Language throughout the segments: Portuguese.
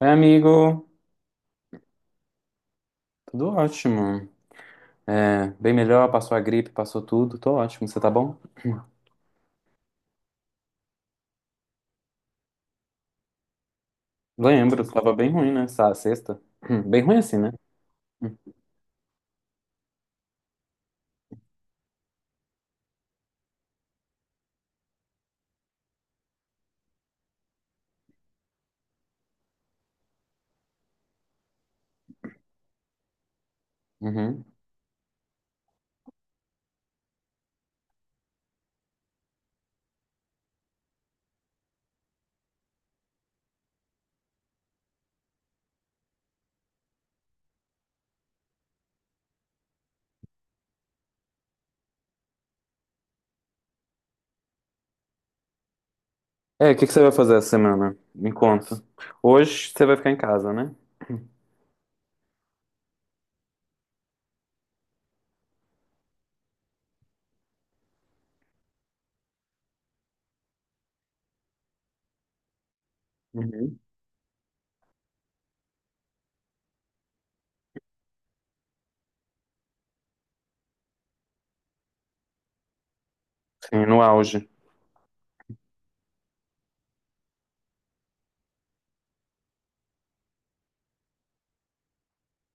Oi, amigo. Tudo ótimo. É, bem melhor, passou a gripe, passou tudo. Tô ótimo, você tá bom? Lembro, tava bem ruim, né? Essa sexta. Bem ruim assim, né? Uhum. É, o que que você vai fazer essa semana? Me conta. Hoje você vai ficar em casa, né? Uhum. Sim, no auge.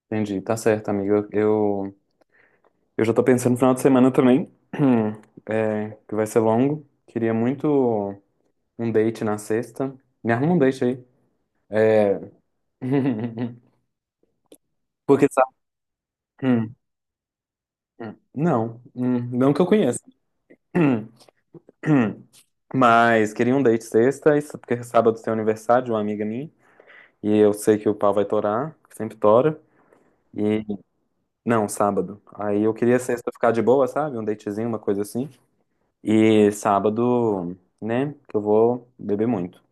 Entendi, tá certo, amigo. Eu já tô pensando no final de semana também, que vai ser longo. Queria muito um date na sexta. Me arruma um date aí. Porque, sabe? hum, Não, não que eu conheça. Hum, hum. Mas queria um date sexta, isso porque sábado tem aniversário de uma amiga minha, e eu sei que o pau vai torar, que sempre tora. E não, sábado. Aí eu queria sexta ficar de boa, sabe? Um datezinho, uma coisa assim. E sábado, né, que eu vou beber muito.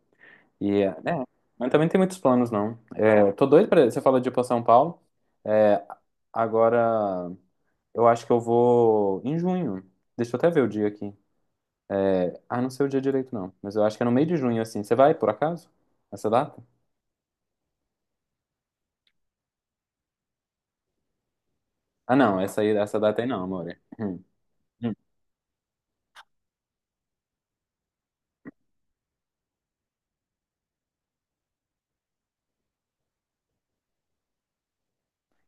E é, né, mas também tem muitos planos, não. É, tô doido pra. Você fala de ir pra São Paulo. É, agora eu acho que eu vou em junho. Deixa eu até ver o dia aqui. Ah, não sei o dia direito, não. Mas eu acho que é no meio de junho, assim. Você vai, por acaso? Essa data? Ah, não. Essa aí, essa data aí não, amore. Hum.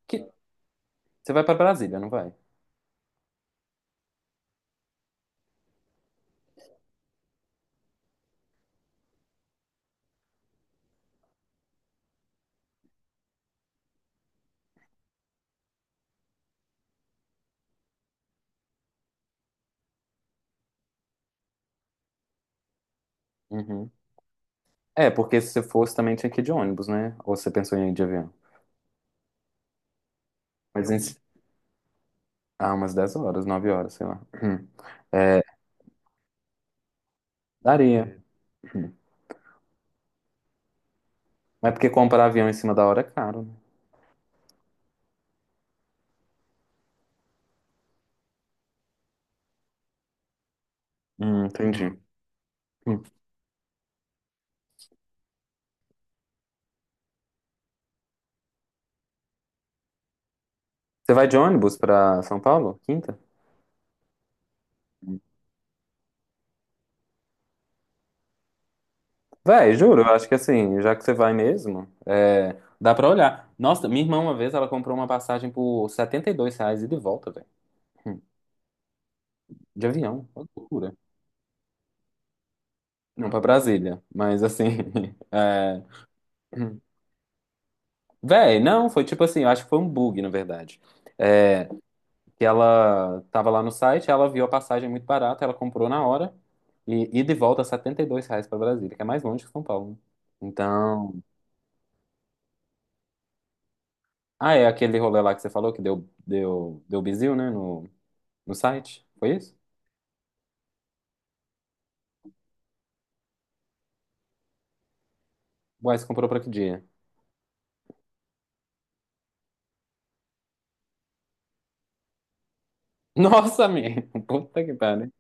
Que... Você vai pra Brasília, não vai? Uhum. É, porque se você fosse também tinha que ir de ônibus, né? Ou você pensou em ir de avião? Mas em... Ah, umas 10 horas, 9 horas, sei lá. Hum. É, daria. Hum. Mas porque comprar avião em cima da hora é caro, né? Entendi. Hum. Você vai de ônibus pra São Paulo? Quinta? Véi, juro, eu acho que assim, já que você vai mesmo, dá pra olhar. Nossa, minha irmã uma vez ela comprou uma passagem por R$ 72 e de volta, velho. Hum, De avião, uma loucura. Não pra Brasília, mas assim. É... hum. Véi, não, foi tipo assim, eu acho que foi um bug, na verdade. É, que ela tava lá no site, ela viu a passagem muito barata, ela comprou na hora e, de volta R$ 72 pra Brasília, que é mais longe que São Paulo, né? Então. Ah, é aquele rolê lá que você falou que deu bizil, né? No... No site? Foi isso? Uai, você comprou pra que dia? Nossa, amigo! Puta que pariu.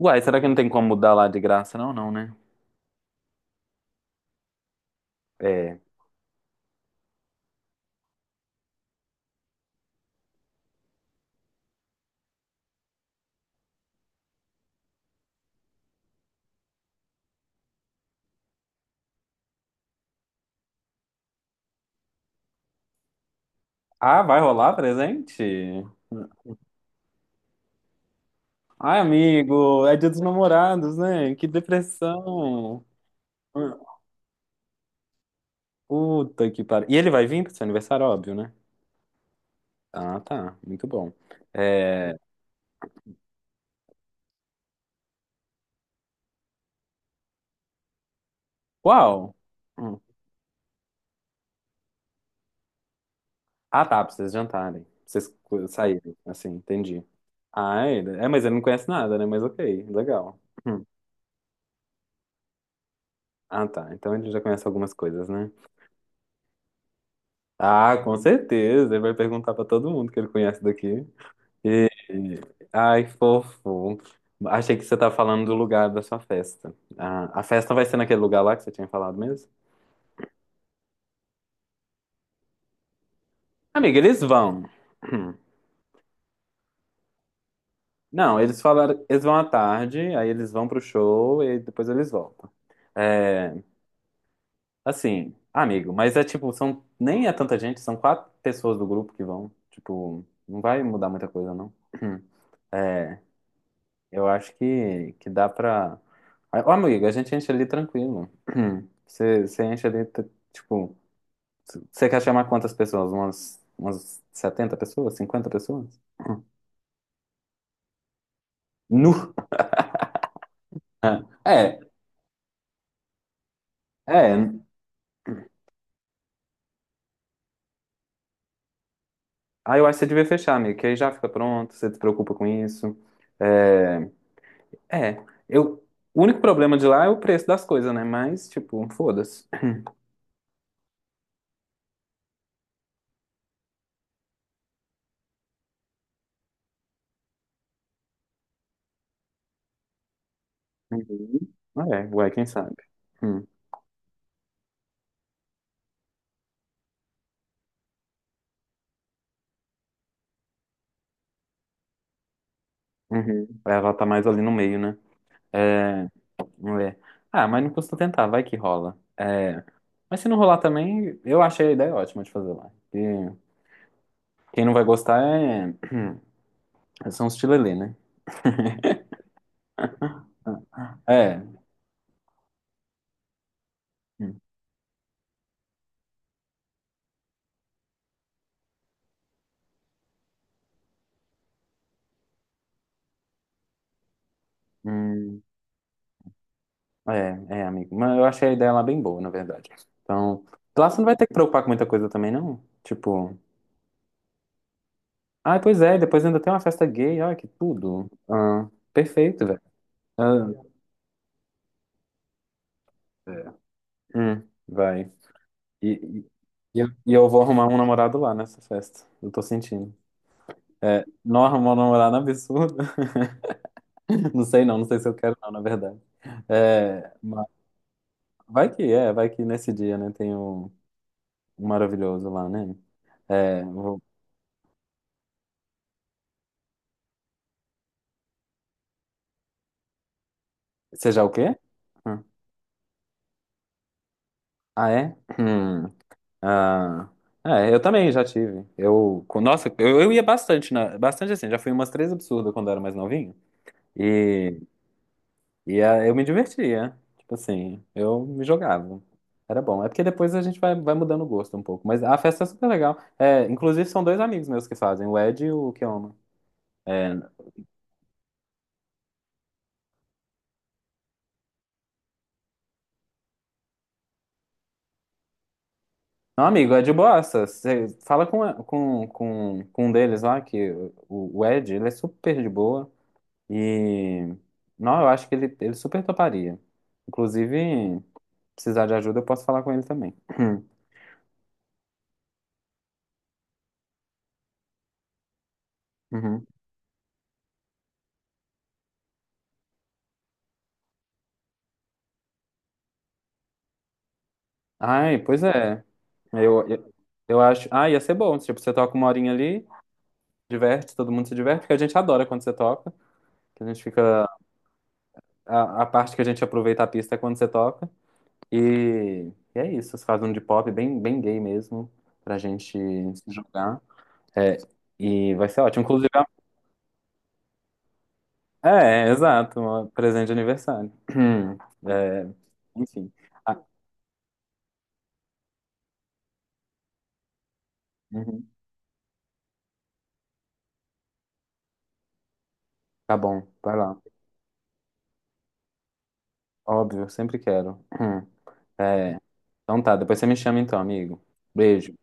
Uai, será que não tem como mudar lá de graça? Não, não, né? É. Ah, vai rolar presente? Ai, amigo, é dia dos namorados, né? Que depressão. Puta que pariu. E ele vai vir pro seu aniversário, óbvio, né? Ah, tá. Muito bom. É... Uau! Hum. Ah, tá, pra vocês jantarem. Pra vocês saírem, assim, entendi. Ah, ele... É, mas ele não conhece nada, né? Mas ok, legal. Hum. Ah, tá. Então ele já conhece algumas coisas, né? Ah, com certeza. Ele vai perguntar pra todo mundo que ele conhece daqui. E... Ai, fofo. Achei que você tá falando do lugar da sua festa. Ah, a festa vai ser naquele lugar lá que você tinha falado mesmo? Amiga, eles vão. Não, eles falaram, eles vão à tarde, aí eles vão pro show e depois eles voltam. É, assim, amigo, mas é tipo, são, nem é tanta gente, são quatro pessoas do grupo que vão. Tipo, não vai mudar muita coisa, não. Eu acho que dá pra. Ó, amigo, a gente enche ali tranquilo. Você enche ali, tipo. Você quer chamar quantas pessoas? Umas 70 pessoas? 50 pessoas? Nu! É, é. É. Aí eu acho que você devia fechar, amigo, que aí já fica pronto, você se preocupa com isso. É. É. O único problema de lá é o preço das coisas, né? Mas, tipo, foda-se. Uhum. É, ué, quem sabe? Hum. Uhum. Ela tá mais ali no meio, né? É. É. Ah, mas não custa tentar, vai que rola. É, mas se não rolar também, eu achei a ideia ótima de fazer lá. E quem não vai gostar é... são os tilelê, né? É. Hum, é, é, amigo. Mas eu achei a ideia lá bem boa, na verdade. Então, lá você não vai ter que preocupar com muita coisa também, não? Tipo, ah, pois é, depois ainda tem uma festa gay, olha que tudo. Ah, perfeito, velho. Ah, é. Hum, vai. E, e, e eu vou arrumar um namorado lá nessa festa. Eu tô sentindo. É, nossa, uma na absurda. Não sei não, não sei se eu quero não, na verdade. É, mas vai que nesse dia, né, tem o maravilhoso lá, né? É, seja o quê? Hum. Ah, é? Hum. Ah, é, eu também já tive. Nossa, eu ia bastante, bastante assim, já fui umas três absurdas quando eu era mais novinho. Eu me divertia. Tipo assim, eu me jogava. Era bom. É porque depois a gente vai mudando o gosto um pouco. Mas a festa é super legal. É, inclusive, são dois amigos meus que fazem, o Ed e o Keoma. É, não, amigo, é de boassa. Você fala com um deles lá, que o Ed, ele é super de boa. E, não, eu acho que ele super toparia. Inclusive, precisar de ajuda, eu posso falar com ele também. Uhum. Ai, pois é. Eu, eu, eu acho. Ah, ia ser bom. Tipo, você toca uma horinha ali, diverte, todo mundo se diverte, porque a gente adora quando você toca. Que a gente fica. A parte que a gente aproveita a pista é quando você toca. E, e é isso. Você faz um de pop bem, bem gay mesmo, pra gente se jogar. É, e vai ser ótimo. Inclusive, é, exato. Um presente de aniversário. É, enfim. Ah, uhum. Tá bom, vai lá. Óbvio, sempre quero. É. Então tá, depois você me chama então, amigo. Beijo.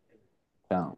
Tchau.